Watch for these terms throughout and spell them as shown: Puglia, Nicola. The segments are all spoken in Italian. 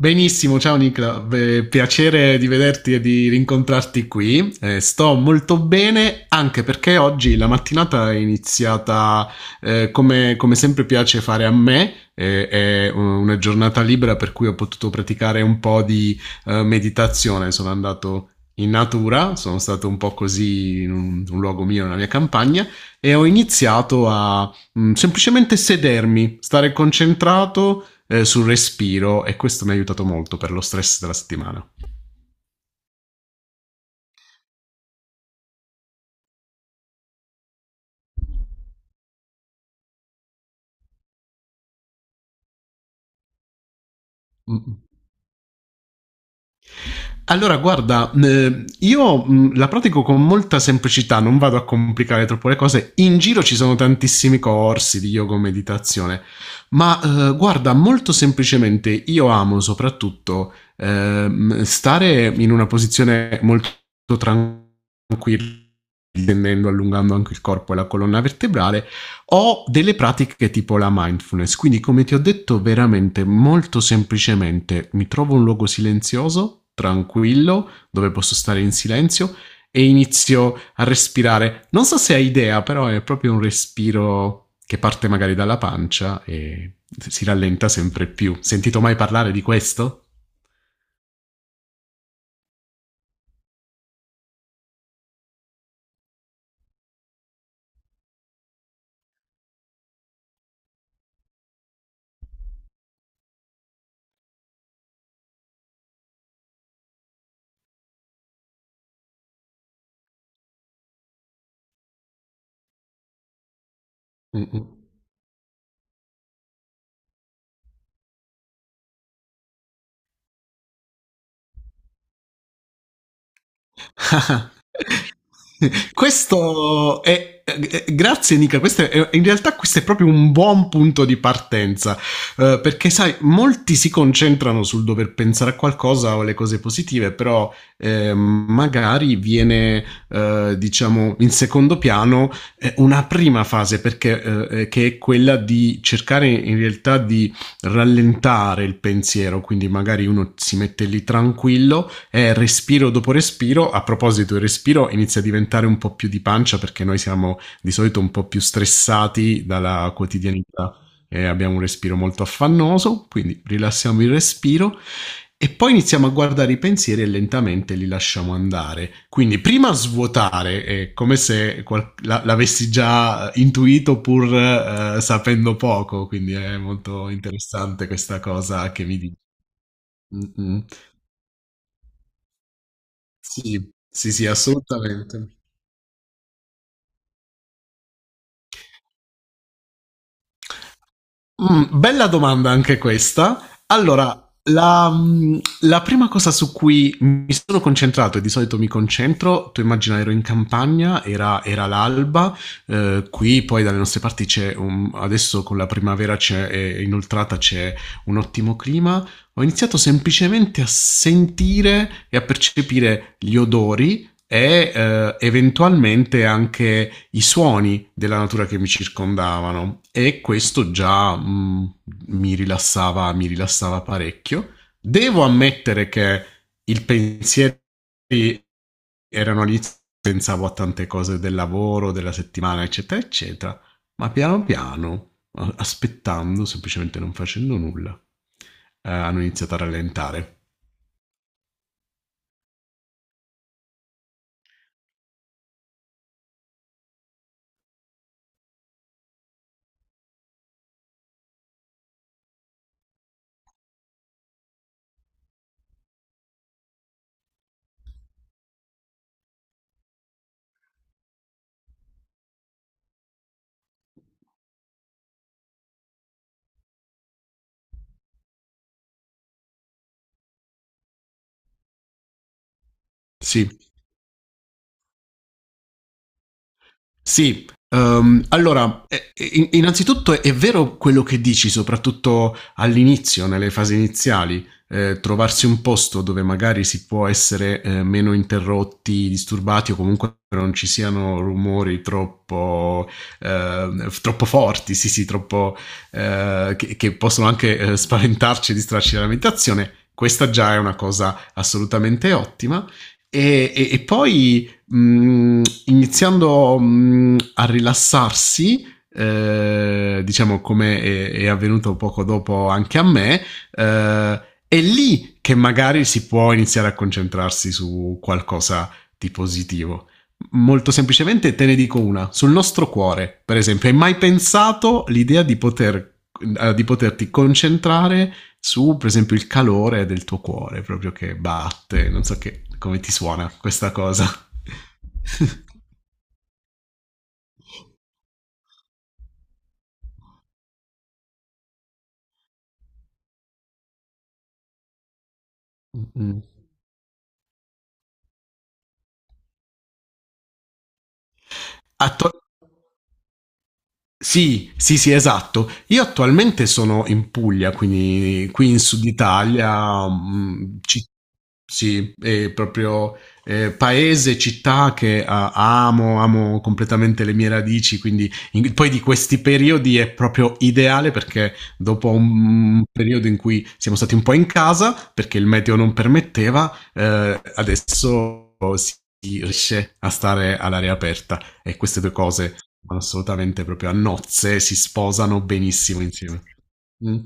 Benissimo, ciao Nicola. Piacere di vederti e di rincontrarti qui. Sto molto bene anche perché oggi la mattinata è iniziata come sempre piace fare a me. È una giornata libera per cui ho potuto praticare un po' di meditazione. Sono andato in natura, sono stato un po' così in un luogo mio, nella mia campagna, e ho iniziato a semplicemente sedermi, stare concentrato sul respiro, e questo mi ha aiutato molto per lo stress della settimana. Allora, guarda, io la pratico con molta semplicità, non vado a complicare troppo le cose. In giro ci sono tantissimi corsi di yoga o meditazione, ma guarda, molto semplicemente io amo soprattutto stare in una posizione molto tranquilla, tendendo, allungando anche il corpo e la colonna vertebrale, o delle pratiche tipo la mindfulness. Quindi, come ti ho detto, veramente molto semplicemente mi trovo un luogo silenzioso, tranquillo, dove posso stare in silenzio e inizio a respirare. Non so se hai idea, però è proprio un respiro che parte magari dalla pancia e si rallenta sempre più. Sentito mai parlare di questo? Mm-mm. Questo è, grazie Nica, questo è, in realtà questo è proprio un buon punto di partenza, perché sai, molti si concentrano sul dover pensare a qualcosa o alle cose positive, però magari viene, diciamo, in secondo piano una prima fase, perché, che è quella di cercare in realtà di rallentare il pensiero. Quindi magari uno si mette lì tranquillo è respiro dopo respiro. A proposito, il respiro inizia a diventare un po' più di pancia perché noi siamo di solito un po' più stressati dalla quotidianità e abbiamo un respiro molto affannoso, quindi rilassiamo il respiro e poi iniziamo a guardare i pensieri e lentamente li lasciamo andare. Quindi prima svuotare, è come se l'avessi già intuito pur sapendo poco, quindi è molto interessante questa cosa che mi dici. Mm-mm. Sì, sì, sì, assolutamente. Bella domanda anche questa. Allora, la prima cosa su cui mi sono concentrato, e di solito mi concentro, tu immagina, ero in campagna, era l'alba, qui poi dalle nostre parti c'è, adesso con la primavera c'è, è inoltrata, c'è un ottimo clima, ho iniziato semplicemente a sentire e a percepire gli odori e eventualmente anche i suoni della natura che mi circondavano, e questo già mi rilassava parecchio. Devo ammettere che il pensiero erano all'inizio, pensavo a tante cose del lavoro, della settimana, eccetera, eccetera, ma piano piano, aspettando, semplicemente non facendo nulla, hanno iniziato a rallentare. Sì, sì. Allora, innanzitutto è vero quello che dici, soprattutto all'inizio, nelle fasi iniziali, trovarsi un posto dove magari si può essere meno interrotti, disturbati, o comunque non ci siano rumori troppo, troppo forti, sì sì, troppo, possono anche spaventarci e distrarci dalla meditazione. Questa già è una cosa assolutamente ottima. E poi iniziando a rilassarsi, diciamo come è avvenuto poco dopo anche a me, eh, è lì che magari si può iniziare a concentrarsi su qualcosa di positivo. Molto semplicemente te ne dico una: sul nostro cuore, per esempio. Hai mai pensato l'idea di poter, di poterti concentrare su, per esempio, il calore del tuo cuore proprio che batte, non so, che, come ti suona questa cosa? Mm-mm. Atto- Sì, sì, sì, esatto. Io attualmente sono in Puglia, quindi qui in Sud Italia, sì, è proprio paese, città che ah, amo, amo completamente le mie radici, quindi poi di questi periodi è proprio ideale, perché dopo un periodo in cui siamo stati un po' in casa, perché il meteo non permetteva, adesso si riesce a stare all'aria aperta, e queste due cose vanno assolutamente proprio a nozze, si sposano benissimo insieme. Mm.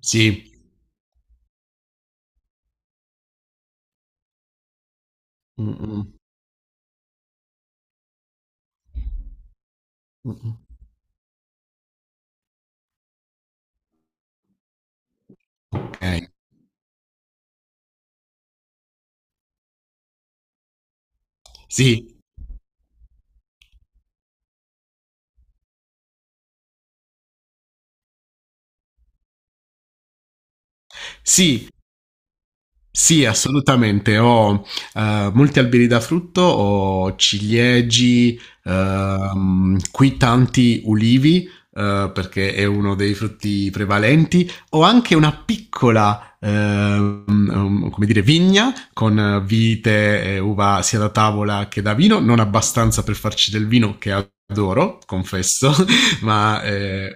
Sì. Mm, mm, mm, mm. Ok. Sì. Sì, sì, assolutamente. Ho molti alberi da frutto, ho ciliegi, qui tanti ulivi, perché è uno dei frutti prevalenti. Ho anche una piccola, come dire, vigna con vite e uva, sia da tavola che da vino, non abbastanza per farci del vino che adoro, confesso, ma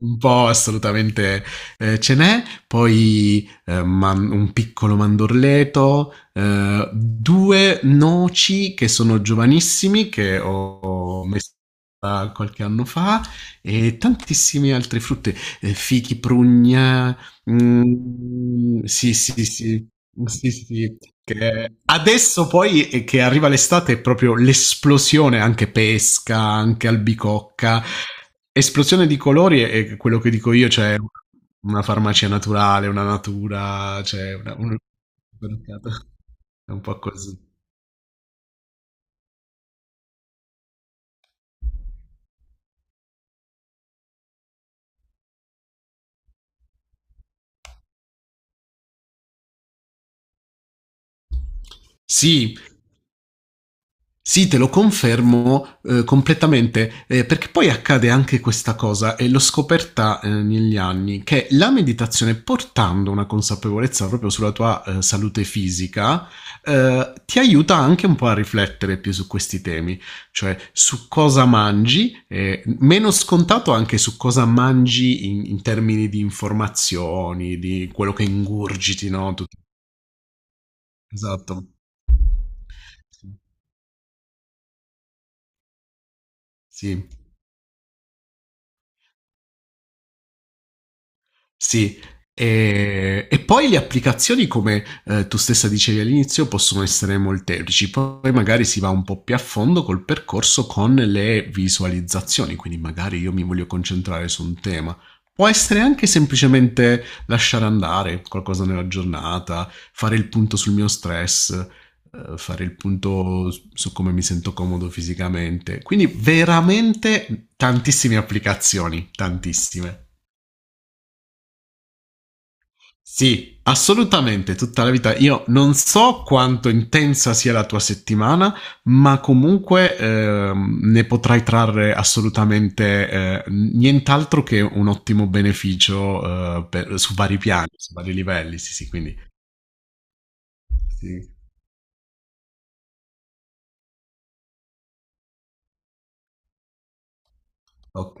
un po' assolutamente ce n'è. Poi un piccolo mandorleto, due noci che sono giovanissimi, che ho messo da qualche anno fa, e tantissime altre frutte, fichi, prugna. Mhmm, sì, sì, sì. Sì, sì, sì. Che adesso poi che arriva l'estate è proprio l'esplosione, anche pesca, anche albicocca, esplosione di colori è quello che dico io, cioè una farmacia naturale, una natura, cioè una un supermercato. È un po' così. Sì. Sì, te lo confermo, completamente, perché poi accade anche questa cosa, e l'ho scoperta negli anni, che la meditazione, portando una consapevolezza proprio sulla tua salute fisica, ti aiuta anche un po' a riflettere più su questi temi, cioè su cosa mangi, meno scontato, anche su cosa mangi in termini di informazioni, di quello che ingurgiti, no? Tutto. Esatto, sì. Sì. Sì, e poi le applicazioni, come tu stessa dicevi all'inizio, possono essere molteplici. Poi magari si va un po' più a fondo col percorso, con le visualizzazioni, quindi magari io mi voglio concentrare su un tema. Può essere anche semplicemente lasciare andare qualcosa nella giornata, fare il punto sul mio stress, fare il punto su come mi sento comodo fisicamente. Quindi veramente tantissime applicazioni, tantissime. Sì, assolutamente, tutta la vita. Io non so quanto intensa sia la tua settimana, ma comunque ne potrai trarre assolutamente nient'altro che un ottimo beneficio su vari piani, su vari livelli. Sì, sì, quindi sì, ok.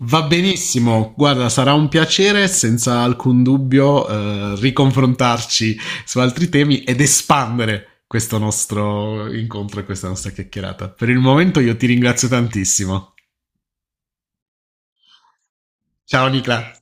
Va benissimo, guarda, sarà un piacere senza alcun dubbio riconfrontarci su altri temi ed espandere questo nostro incontro e questa nostra chiacchierata. Per il momento io ti ringrazio tantissimo. Ciao Nicola.